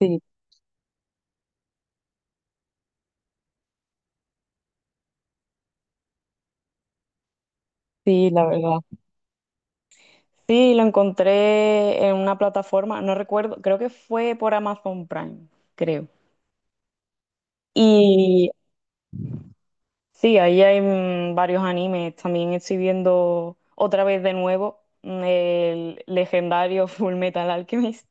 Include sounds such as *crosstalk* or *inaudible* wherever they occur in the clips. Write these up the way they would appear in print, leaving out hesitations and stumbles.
Sí, sí, la verdad. Sí, lo encontré en una plataforma, no recuerdo, creo que fue por Amazon Prime, creo. Y sí, ahí hay varios animes. También estoy viendo otra vez de nuevo el legendario *laughs* Full Metal Alchemist.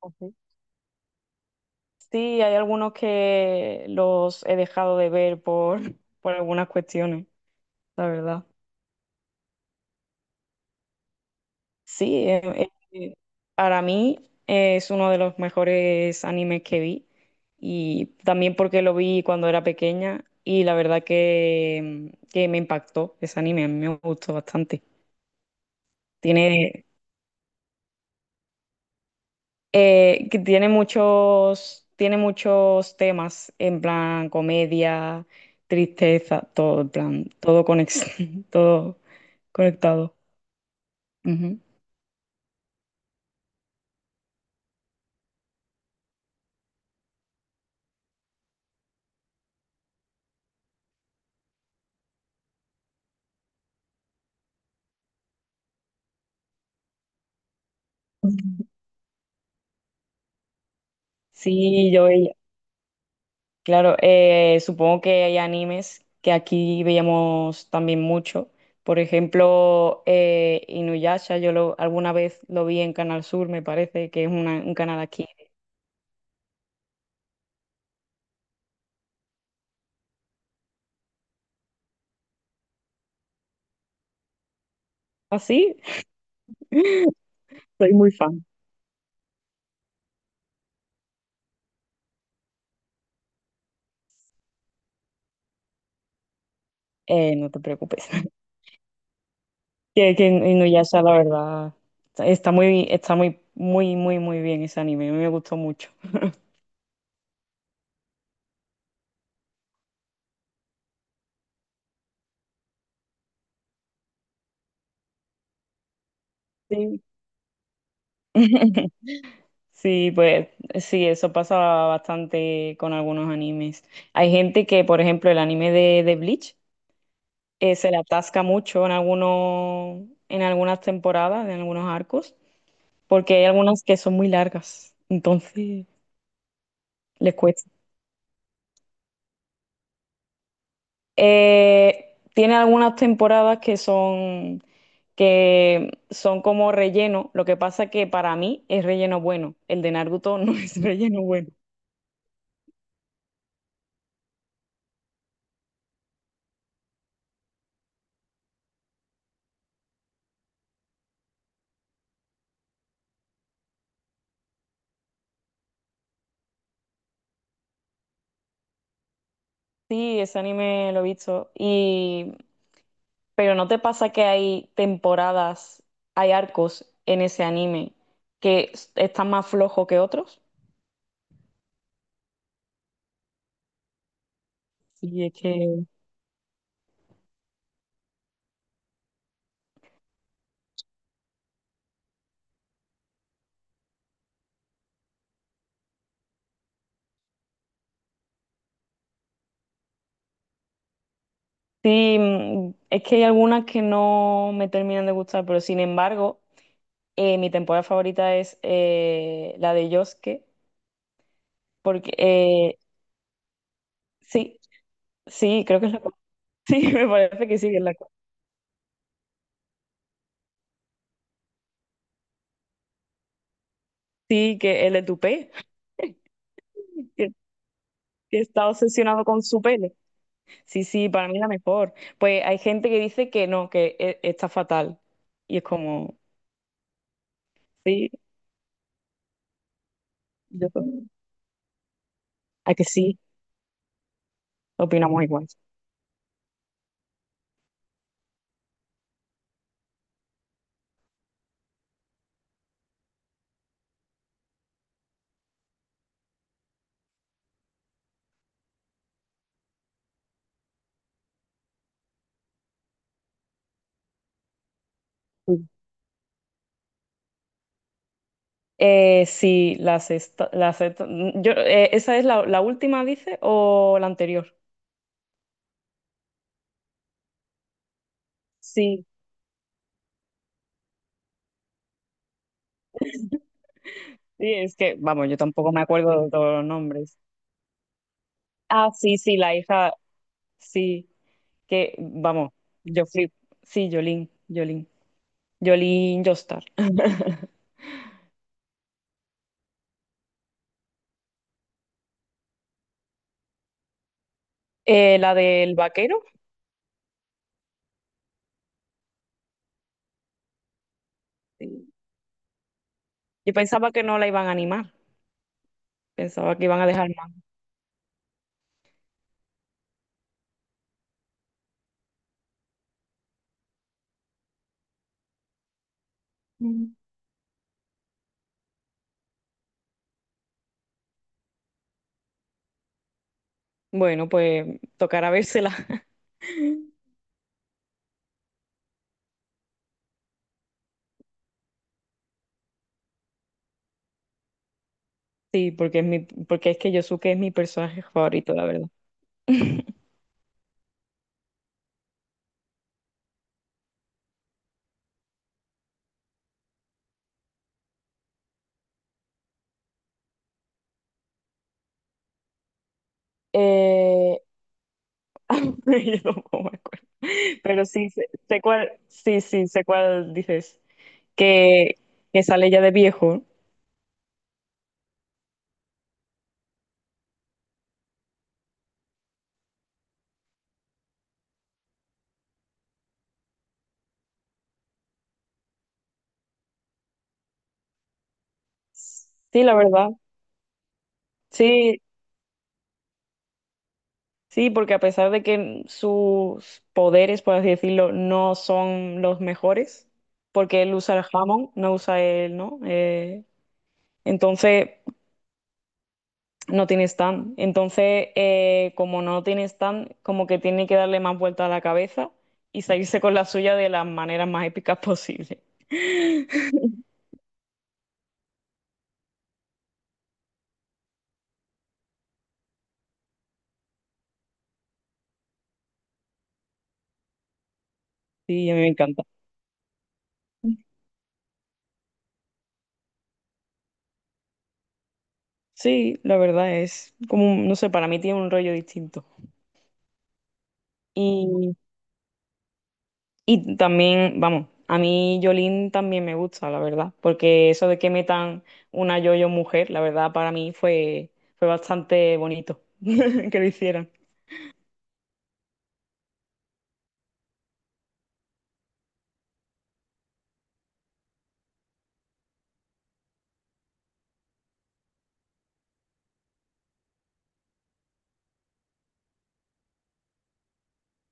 Ok. Sí, hay algunos que los he dejado de ver por, *laughs* por algunas cuestiones, la verdad. Sí, para mí es uno de los mejores animes que vi y también porque lo vi cuando era pequeña y la verdad que me impactó ese anime, a mí me gustó bastante. Tiene, que tiene muchos temas en plan comedia, tristeza, todo en plan, todo conex- *laughs* todo conectado. Ujú. Sí, yo claro, supongo que hay animes que aquí veíamos también mucho. Por ejemplo, Inuyasha, yo lo, alguna vez lo vi en Canal Sur, me parece que es un canal aquí. ¿Así? *laughs* Soy muy fan. No te preocupes. *laughs* Que Inuyasha, la verdad, está muy, muy, muy, muy bien ese anime. A mí me gustó mucho. Sí. *laughs* Sí, pues sí, eso pasa bastante con algunos animes. Hay gente que, por ejemplo, el anime de Bleach se le atasca mucho en algunas temporadas, en algunos arcos, porque hay algunas que son muy largas, entonces les cuesta. Tiene algunas temporadas que son como relleno. Lo que pasa que para mí es relleno bueno. El de Naruto no *laughs* es relleno bueno. Sí, ese anime lo he visto. Pero ¿no te pasa que hay temporadas, hay arcos en ese anime que están más flojos que otros? Sí, es que hay algunas que no me terminan de gustar, pero sin embargo, mi temporada favorita es la de Yosuke, porque sí, sí, creo que es. *laughs* Sí, me parece que sí, que es. Sí, que el de *laughs* que que está obsesionado con su pelo. Sí, sí, para mí la mejor. Pues hay gente que dice que no, que está fatal. Y es como, sí, yo también. ¿A que sí? Opinamos igual. Sí. Sí, la sexta, ¿esa es la última, dice, o la anterior? Sí. *laughs* Sí, es que, vamos, yo tampoco me acuerdo de todos los nombres. Ah, sí, sí, la hija, sí, que, vamos, yo flip. Sí, Jolín, Jolín, Jolín Jostar. *laughs* La del vaquero. Sí. Yo pensaba que no la iban a animar, pensaba que iban a dejar más. Mm. Bueno, pues tocará vérsela. *laughs* Sí, porque es que Yosuke es mi personaje favorito, la verdad. *laughs* Eh, *laughs* yo tampoco me acuerdo. Pero sí, sé cuál, sí, sí, sé cuál dices. Que, que sale ya de viejo. Sí, la verdad. Sí. Sí, porque a pesar de que sus poderes, por así decirlo, no son los mejores, porque él usa el jamón, no usa él, ¿no? Entonces no tiene stand. Entonces, como no tiene stand, como que tiene que darle más vuelta a la cabeza y salirse con la suya de las maneras más épicas posible. *laughs* Sí, a mí me encanta. Sí, la verdad es como, no sé, para mí tiene un rollo distinto. Y también, vamos, a mí Yolín también me gusta, la verdad, porque eso de que metan una yo-yo mujer, la verdad para mí fue bastante bonito *laughs* que lo hicieran.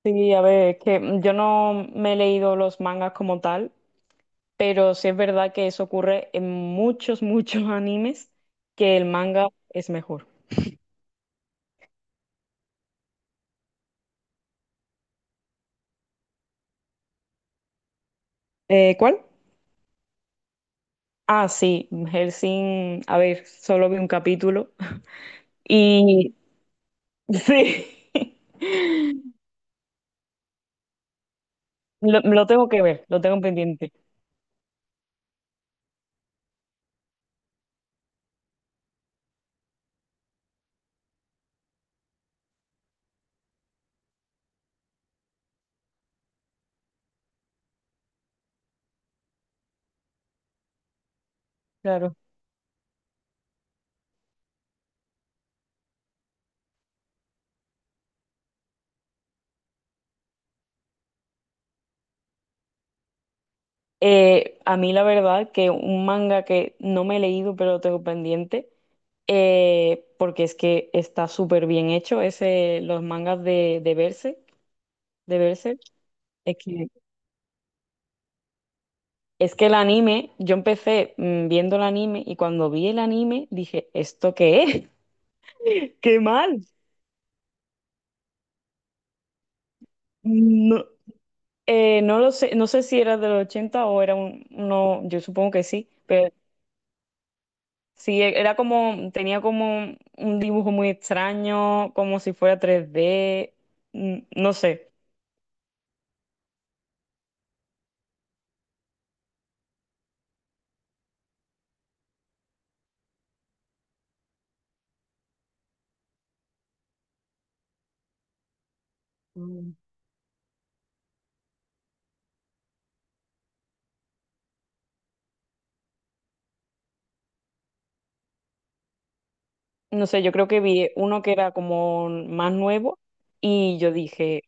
Sí, a ver, es que yo no me he leído los mangas como tal, pero sí es verdad que eso ocurre en muchos, *laughs* muchos animes, que el manga es mejor. ¿Cuál? Ah, sí, Hellsing, a ver, solo vi un capítulo *laughs* y sí. *laughs* Lo tengo que ver, lo tengo pendiente, claro. A mí la verdad que un manga que no me he leído, pero lo tengo pendiente, porque es que está súper bien hecho, es los mangas de Berserk, de Berserk. Es que, es que el anime, yo empecé viendo el anime y cuando vi el anime dije, ¿esto qué es? *laughs* ¡Qué mal! No, no lo sé, no sé si era de los 80 o no, yo supongo que sí, pero. Sí, era como, tenía como un dibujo muy extraño, como si fuera 3D, no sé. Mm. No sé, yo creo que vi uno que era como más nuevo y yo dije,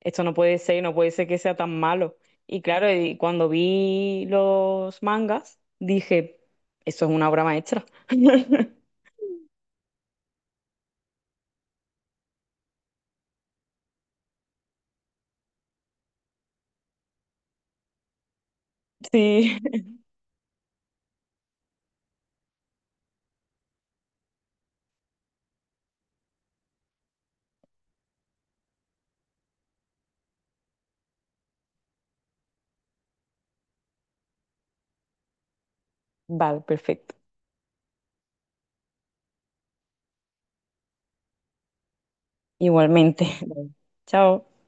esto no puede ser, no puede ser que sea tan malo. Y claro, y cuando vi los mangas, dije, eso es una obra maestra. *laughs* Sí, vale, perfecto. Igualmente. Bueno, chao.